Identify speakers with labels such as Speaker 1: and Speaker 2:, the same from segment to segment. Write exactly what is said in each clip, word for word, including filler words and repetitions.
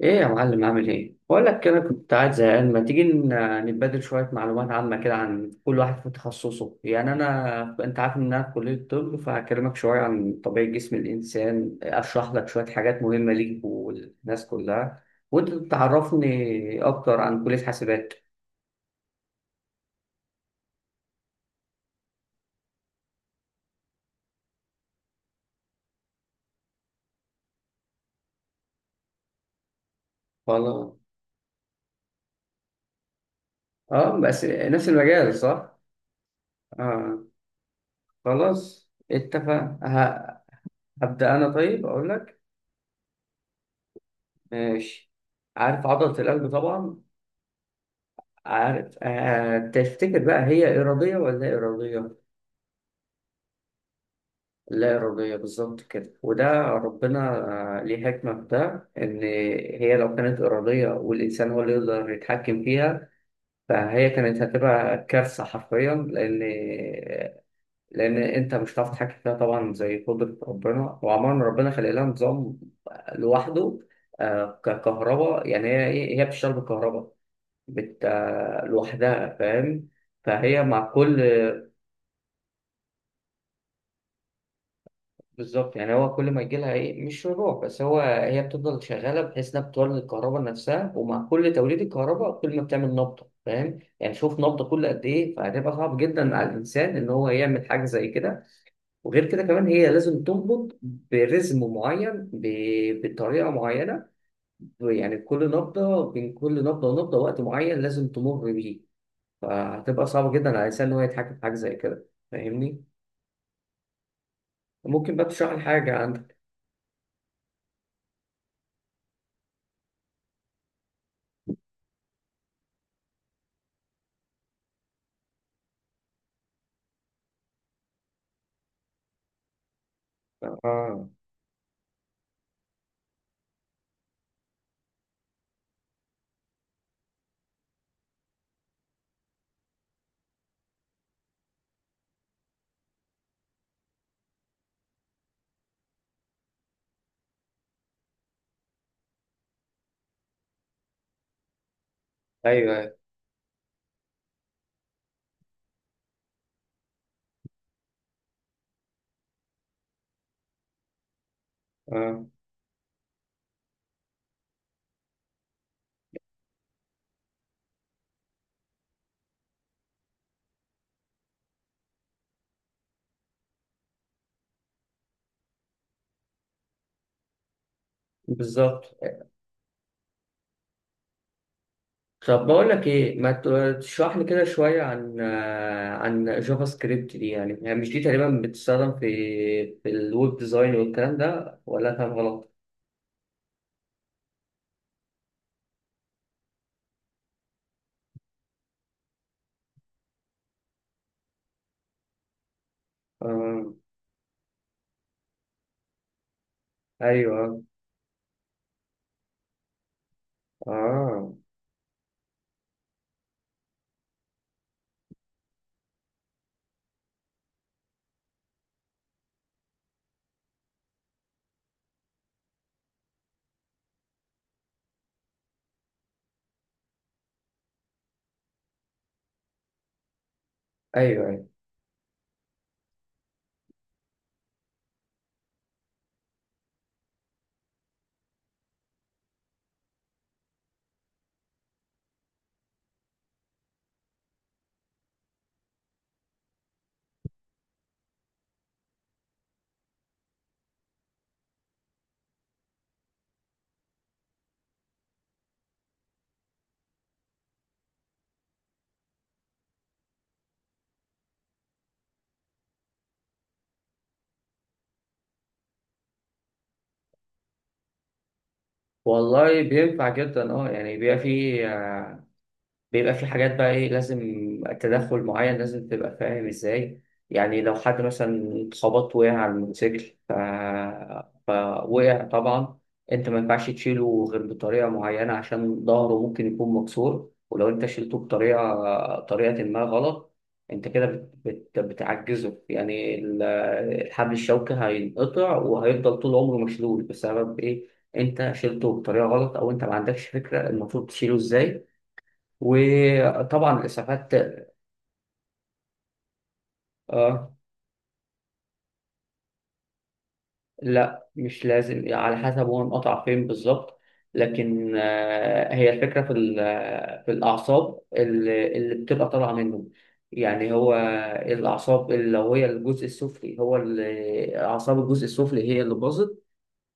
Speaker 1: ايه يا معلم، عامل ايه؟ بقول لك كده، كنت قاعد زهقان، ما تيجي ن- نتبادل شويه معلومات عامه كده عن كل واحد في تخصصه. يعني انا انت عارف ان انا في كليه طب، فهكلمك شويه عن طبيعه جسم الانسان، اشرح لك شويه حاجات مهمه ليك والناس كلها، وانت تعرفني اكتر عن كليه حاسبات. خلاص. اه، بس نفس المجال صح. اه، خلاص اتفق. ه- هبدا انا. طيب اقول لك. ماشي. عارف عضله القلب طبعا؟ عارف. آه تفتكر بقى هي إرادية ولا إرادية؟ لا إرادية، بالظبط كده. وده ربنا آه ليه حكمة في ده، إن هي لو كانت إرادية والإنسان هو اللي يقدر يتحكم فيها، فهي كانت هتبقى كارثة حرفيا، لأن لأن أنت مش هتعرف تتحكم فيها طبعا، زي قدرة ربنا. وعموما ربنا خلق لها نظام لوحده. آه، ككهرباء يعني، هي إيه؟ هي بتشتغل بالكهرباء، بت... آه، لوحدها، فاهم؟ فهي مع كل، بالظبط، يعني هو كل ما يجيلها ايه، مش رجوع، بس هو هي بتفضل شغاله، بحيث انها بتولد الكهرباء نفسها، ومع كل توليد الكهرباء كل ما بتعمل نبضه، فاهم؟ يعني شوف نبضه كل قد ايه، فهتبقى صعب جدا على الانسان ان هو يعمل حاجه زي كده. وغير كده كمان هي لازم تنبض برزم معين، ب- بطريقه معينه، يعني كل نبضه بين كل نبضه ونبضه وقت معين لازم تمر بيه. فهتبقى صعبه جدا على الانسان ان هو يتحكم في حاجه زي كده، فاهمني؟ ممكن بقى تشرح لي حاجه عندك؟ اه. ايوه. اه. بالظبط. طب بقول لك ايه، ما ت- تشرح لي كده شويه عن آه، عن جافا سكريبت دي؟ يعني يعني مش دي تقريبا بتستخدم في في الويب ديزاين والكلام ده، ولا أنا فاهم غلط؟ اه. ايوه. اه. ايوه، ايوه. والله بينفع جدا اه، يعني بيبقى فيه بيبقى في حاجات بقى ايه لازم تدخل معين، لازم تبقى فاهم ازاي. يعني لو حد مثلا اتخبط، وقع على الموتوسيكل ف... فوقع طبعا، انت ما ينفعش تشيله غير بطريقة معينة، عشان ظهره ممكن يكون مكسور. ولو انت شيلته بطريقة طريقة ما غلط، انت كده بت... بت... بتعجزه، يعني ال- الحبل الشوكي هينقطع، وهيفضل طول عمره مشلول، بسبب ايه؟ انت شيلته بطريقة غلط، او انت ما عندكش فكرة المفروض تشيله ازاي. وطبعا الاسعافات. اه، لا مش لازم، على حسب هو انقطع فين بالظبط. لكن آه هي الفكره في ال- في الاعصاب اللي, اللي بتبقى طالعه منه. يعني هو الاعصاب اللي لو هي الجزء السفلي، هو اللي- اعصاب الجزء السفلي هي اللي باظت،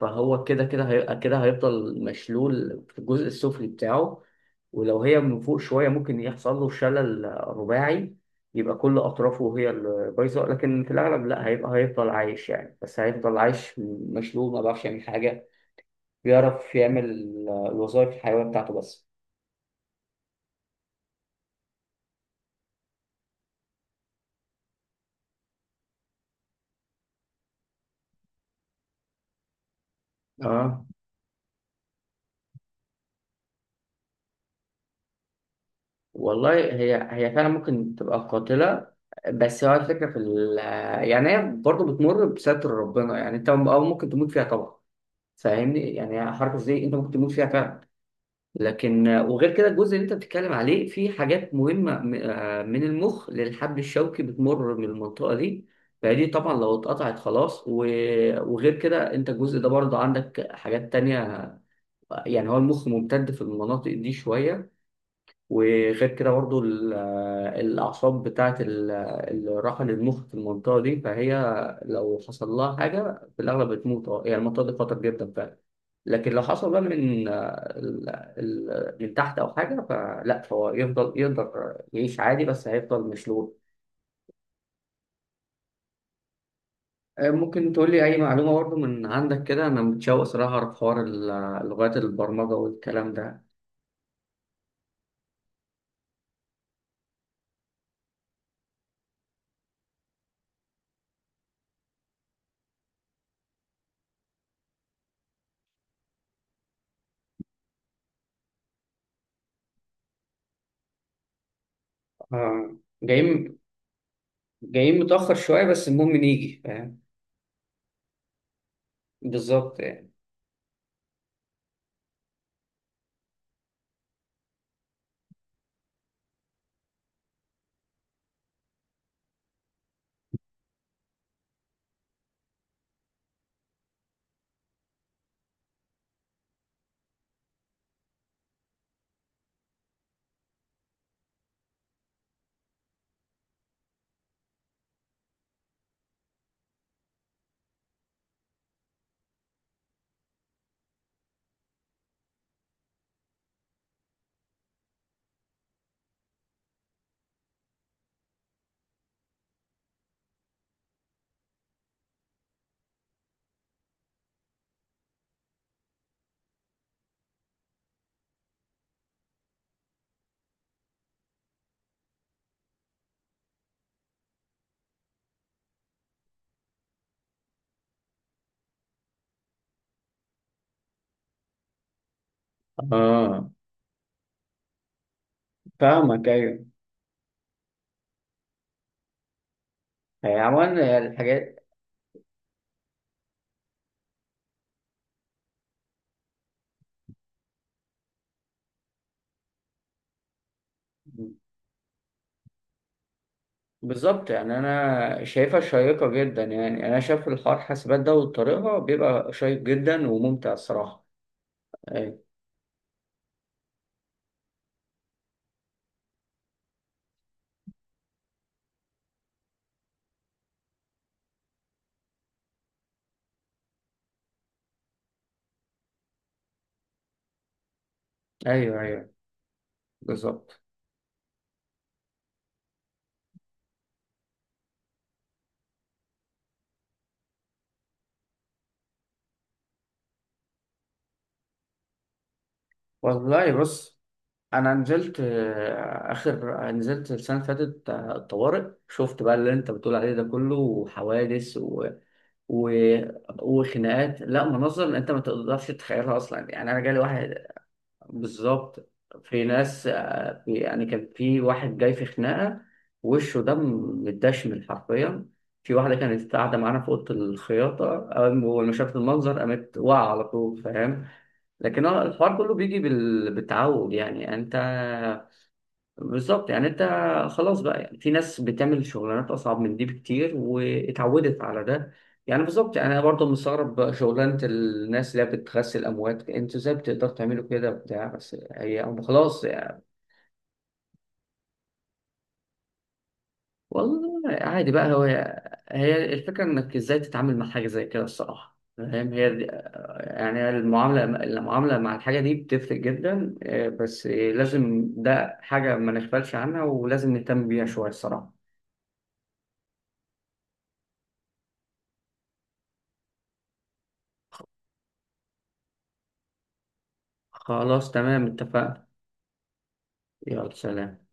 Speaker 1: فهو كده كده هيبقى كده، هيفضل مشلول في الجزء السفلي بتاعه. ولو هي من فوق شوية، ممكن يحصل له شلل رباعي، يبقى كل أطرافه هي اللي بايظة. لكن في الأغلب لا، هيبقى هيفضل عايش، يعني بس هيفضل عايش مشلول، ما بيعرفش يعمل حاجة. بيعرف يعمل الوظائف الحيوية بتاعته بس. اه. والله هي هي فعلا ممكن تبقى قاتلة. بس هو الفكرة في ال يعني هي برضه بتمر بستر ربنا، يعني انت أو ممكن تموت فيها طبعا، فاهمني؟ يعني حركه زي انت ممكن تموت فيها فعلا. لكن آه، وغير كده، الجزء اللي انت بتتكلم عليه، في حاجات مهمه م- آه، من المخ للحبل الشوكي بتمر من المنطقه دي. فدي طبعا لو اتقطعت خلاص، و- وغير كده انت الجزء ده برضه عندك حاجات تانية. آه، يعني هو المخ ممتد في المناطق دي شويه. وغير كده برضو ال- الأعصاب بتاعة ال- الراحة للمخ في المنطقة دي، فهي لو حصل لها حاجة في الأغلب بتموت، أه، يعني المنطقة دي خطر جدا فعلا. لكن لو حصل بقى من ال- ال- من تحت أو حاجة فلا، فهو يفضل يقدر يعيش عادي، بس هيفضل مشلول. آه، ممكن تقول لي أي معلومة برضو من عندك كده؟ أنا متشوق صراحة أعرف حوار ال- لغات البرمجة والكلام ده. آه، جايين جايين متأخر شوية، بس المهم نيجي، فاهم؟ بالظبط. اه. فاهمك. ايوه. هي عموما الحاجات، بالظبط يعني انا شايفها شيقه جدا، يعني انا شايف الحوار حاسبات ده وطريقها بيبقى شيق جدا وممتع الصراحه. ايوه، ايوه، ايوه. بالظبط. والله بص، انا نزلت آه، اخر نزلت السنه اللي فاتت آه، الطوارئ، شفت بقى اللي انت بتقول عليه ده كله، وحوادث و... و... وخناقات، لا مناظر انت ما تقدرش تتخيلها اصلا. يعني انا جالي واحد. بالظبط. في ناس آه، في يعني كان في واحد جاي في خناقة، وشه ده متدشمل حرفيا. في واحدة كانت قاعدة معانا في أوضة الخياطة، أول ما أول ما شافت المنظر قامت واقعة على طول، فاهم؟ لكن هو الحوار كله بيجي بال... بالتعود يعني يعني أنت. بالظبط يعني انت، خلاص بقى، يعني في ناس بتعمل شغلانات اصعب من دي بكتير واتعودت على ده. يعني بالظبط، يعني انا برضه مستغرب شغلانه الناس اللي هي بتغسل اموات، انتوا ازاي بتقدروا تعملوا كده بتاع؟ بس هي هم خلاص يعني. والله عادي بقى هو، هي الفكره انك ازاي تتعامل مع حاجه زي كده، الصراحه فاهم؟ هي دي- يعني المعامله المعامله مع الحاجه دي بتفرق جدا اه، بس لازم ده حاجه ما نغفلش عنها، ولازم نهتم بيها شويه الصراحه. خلاص تمام، اتفقنا. يلا، سلام.